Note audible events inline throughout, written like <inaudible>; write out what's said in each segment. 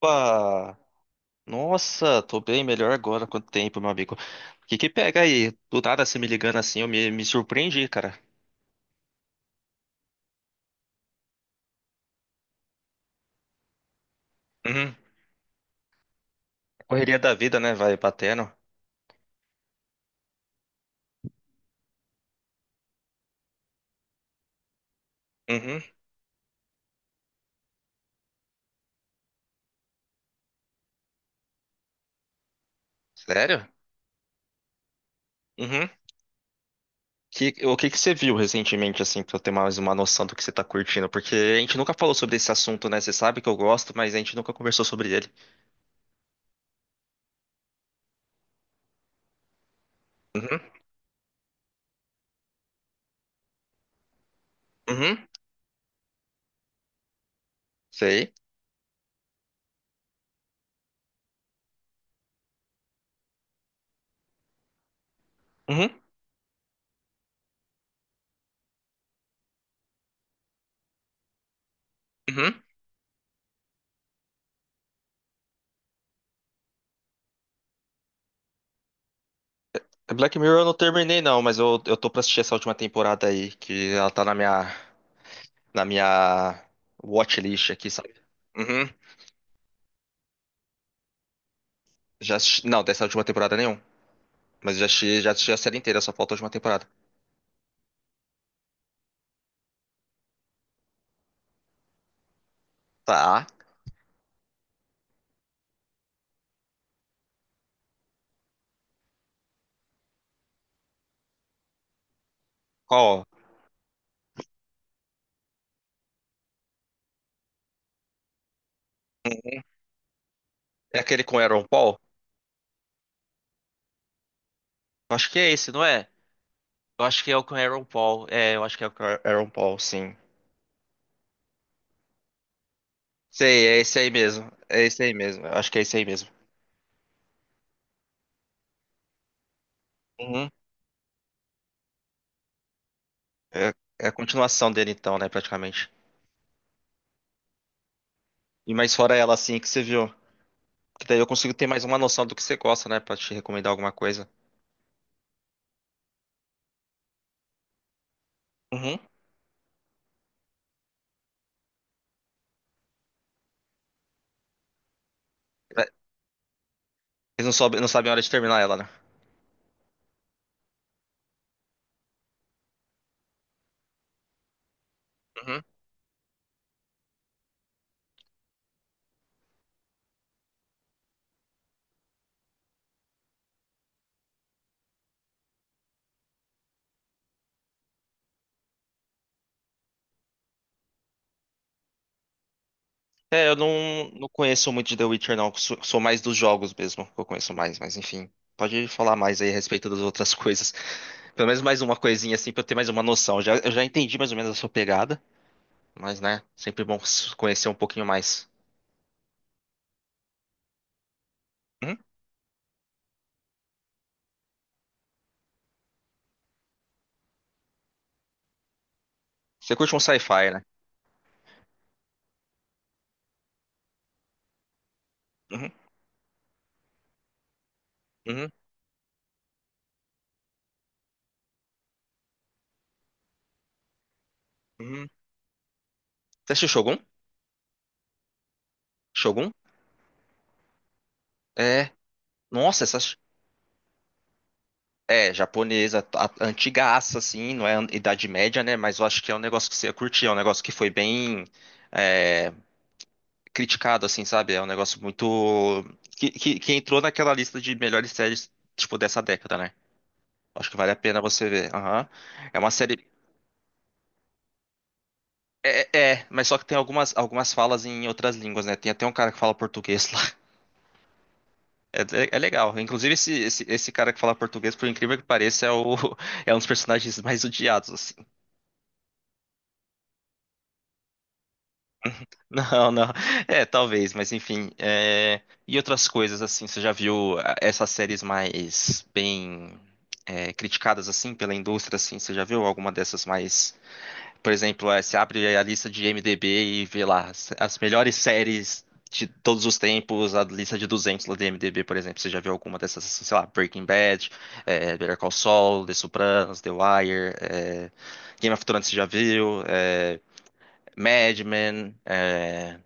Opa! Nossa, tô bem melhor agora. Quanto tempo, meu amigo? O que que pega aí? Do nada se me ligando assim, eu me surpreendi, cara. Uhum. Correria da vida, né? Vai batendo. Uhum. Sério? Uhum. O que que você viu recentemente, assim, pra eu ter mais uma noção do que você tá curtindo? Porque a gente nunca falou sobre esse assunto, né? Você sabe que eu gosto, mas a gente nunca conversou sobre ele. Uhum. Uhum. Sei. Uhum. Uhum. Black Mirror eu não terminei, não, mas eu tô pra assistir essa última temporada aí, que ela tá na minha watchlist aqui, sabe? Uhum. Não, dessa última temporada nenhum. Mas já assisti a série inteira, só falta a última temporada. Tá. Qual? É aquele com Aaron Paul? Eu acho que é esse, não é? Eu acho que é o com Aaron Paul. É, eu acho que é o com Aaron Paul, sim. Sei, é esse aí mesmo. É esse aí mesmo. Eu acho que é esse aí mesmo. Uhum. É, é a continuação dele então, né, praticamente. E mais fora ela, assim, que você viu. Que daí eu consigo ter mais uma noção do que você gosta, né, pra te recomendar alguma coisa. Uhum. Eles não, não sabem a hora de terminar ela, né? Uhum. É, eu não conheço muito de The Witcher, não. Sou mais dos jogos mesmo, que eu conheço mais, mas enfim. Pode falar mais aí a respeito das outras <laughs> coisas. Pelo menos mais uma coisinha assim pra eu ter mais uma noção. Eu já entendi mais ou menos a sua pegada, mas né, sempre bom conhecer um pouquinho mais. Uhum. Você curte um sci-fi, né? Uhum, uhum, uhum. Você assistiu Shogun? Shogun? É. Nossa, essa. É, japonesa, antigaça, assim, não é Idade Média, né? Mas eu acho que é um negócio que você ia curtir, é um negócio que foi bem. é, Criticado, assim, sabe? É um negócio muito. Que entrou naquela lista de melhores séries, tipo, dessa década, né? Acho que vale a pena você ver. Aham. É uma série. É, mas só que tem algumas falas em outras línguas, né? Tem até um cara que fala português lá. <laughs> É legal. Inclusive, esse cara que fala português, por incrível que pareça, <laughs> é um dos personagens mais odiados, assim. <laughs> Não, não. É, talvez, mas enfim. E outras coisas, assim, você já viu essas séries mais bem criticadas, assim, pela indústria, assim, você já viu alguma dessas mais... Por exemplo, você abre a lista de IMDb e vê lá as melhores séries de todos os tempos, a lista de 200 lá do IMDb, por exemplo. Você já viu alguma dessas, assim, sei lá, Breaking Bad, Better Call Saul, The Sopranos, The Wire, Game of Thrones, você já viu, Mad Men...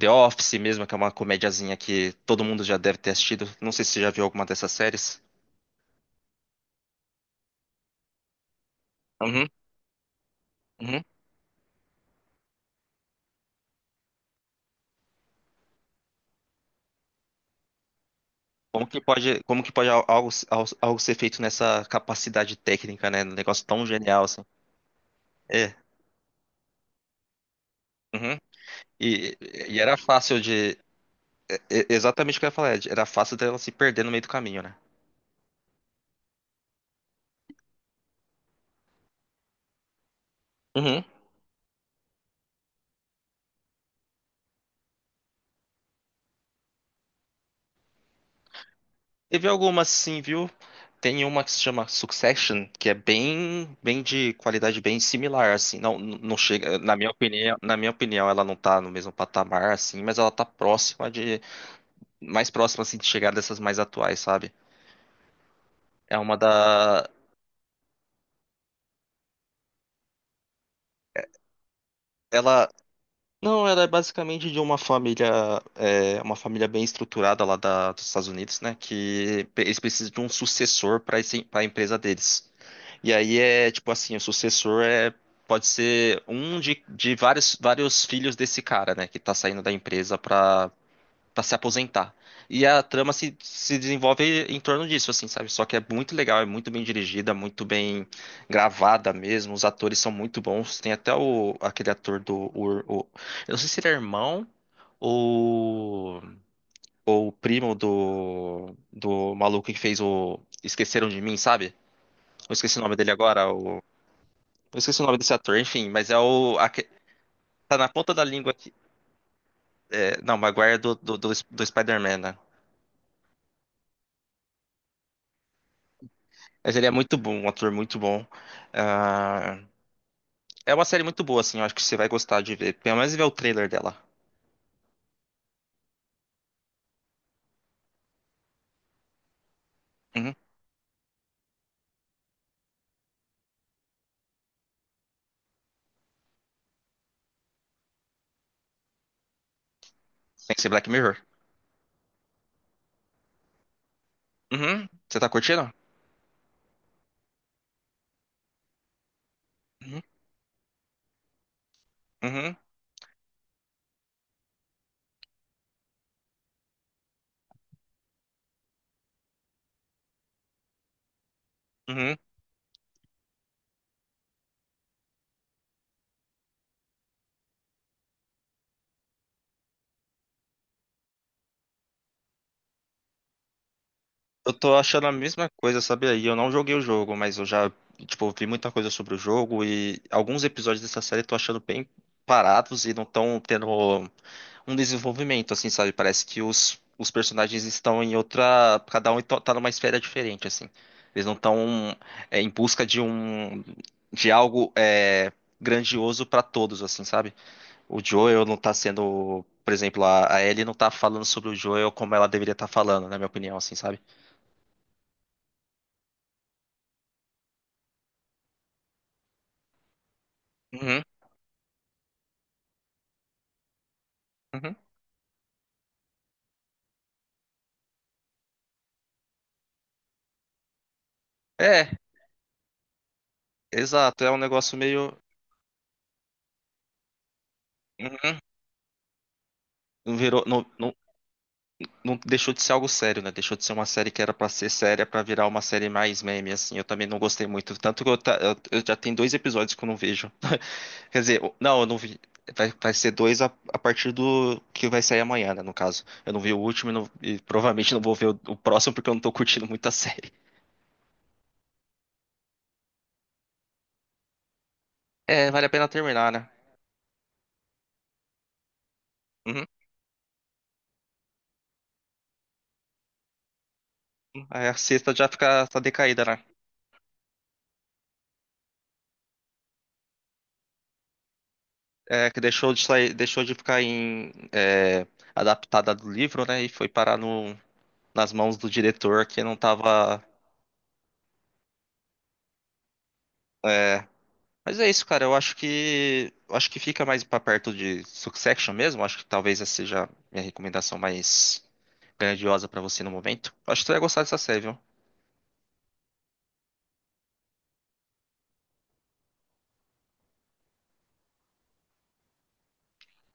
The Office mesmo, que é uma comediazinha que todo mundo já deve ter assistido. Não sei se você já viu alguma dessas séries. Uhum, uhum. Como que pode algo ser feito nessa capacidade técnica, né? Um negócio tão genial assim. É. Uhum. E, e era fácil de. Exatamente o que eu ia falar, Ed. Era fácil dela se perder no meio do caminho, né? Uhum. Teve algumas sim, viu? Tem uma que se chama Succession, que é bem, bem de qualidade bem similar, assim. Não, não chega, na minha opinião, ela não tá no mesmo patamar, assim, mas ela tá próxima de, mais próxima, assim, de chegar dessas mais atuais, sabe? É uma da, ela, não, ela é basicamente de uma família, uma família bem estruturada dos Estados Unidos, né? Que eles precisam de um sucessor para para a empresa deles. E aí é tipo assim, o sucessor é pode ser um de vários filhos desse cara, né, que tá saindo da empresa pra se aposentar. E a trama se desenvolve em torno disso, assim, sabe? Só que é muito legal, é muito bem dirigida, muito bem gravada mesmo. Os atores são muito bons. Tem até o, aquele ator do. Eu não sei se ele é irmão ou, ou o primo do maluco que fez o Esqueceram de Mim, sabe? Eu esqueci o nome dele agora, eu esqueci o nome desse ator, enfim, mas tá na ponta da língua aqui. É, não, Maguire é do Spider-Man, né? Mas ele é muito bom, um ator muito bom. Ah, é uma série muito boa, assim, eu acho que você vai gostar de ver. Pelo menos ver o trailer dela. Uhum. Tem que ser Black Mirror. Uhum. Você tá curtindo? Uhum. Uhum. Uhum. Eu tô achando a mesma coisa, sabe? Aí? Eu não joguei o jogo, mas eu já, tipo, vi muita coisa sobre o jogo e alguns episódios dessa série eu tô achando bem parados e não estão tendo. Um desenvolvimento, assim, sabe? Parece que os personagens estão em outra. Cada um então tá numa esfera diferente, assim. Eles não estão em busca de um. De algo grandioso para todos, assim, sabe? O Joel não tá sendo. Por exemplo, a Ellie não tá falando sobre o Joel como ela deveria estar falando, na minha opinião, assim, sabe? Uhum, uhum. É, exato. É um negócio meio. Uhum. Não virou, não deixou de ser algo sério, né? Deixou de ser uma série que era pra ser séria pra virar uma série mais meme, assim. Eu também não gostei muito. Tanto que eu já tenho dois episódios que eu não vejo. <laughs> Quer dizer, não, eu não vi. Vai ser dois a partir do que vai sair amanhã, né? No caso. Eu não vi o último e provavelmente não vou ver o próximo porque eu não tô curtindo muito a série. É, vale a pena terminar, né? Uhum. Aí a sexta já fica, tá decaída, né? É, que deixou de sair, deixou de ficar adaptada do livro, né? E foi parar no, nas mãos do diretor que não tava. é, Mas é isso, cara. Eu acho que fica mais pra perto de Succession mesmo. Acho que talvez essa seja minha recomendação mais grandiosa pra você no momento. Acho que tu ia gostar dessa série, viu?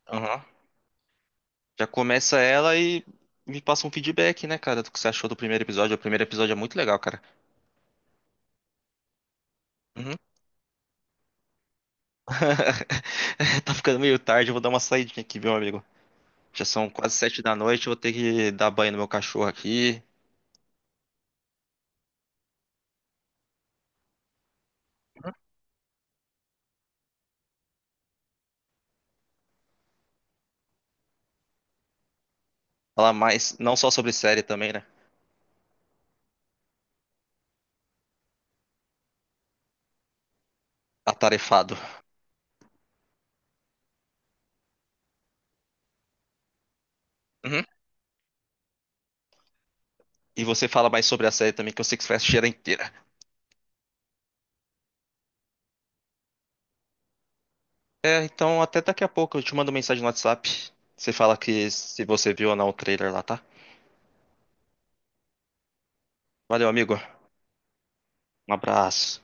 Aham. Já começa ela e me passa um feedback, né, cara, do que você achou do primeiro episódio. O primeiro episódio é muito legal, cara. Uhum. <laughs> Tá ficando meio tarde, eu vou dar uma saidinha aqui, meu amigo. Já são quase 7 da noite, eu vou ter que dar banho no meu cachorro aqui. Falar mais, não só sobre série também, né? Atarefado. Uhum. E você fala mais sobre a série também, que eu sei que você vai assistir ela inteira. É, então até daqui a pouco eu te mando mensagem no WhatsApp. Você fala que se você viu ou não o trailer lá, tá? Valeu, amigo. Um abraço.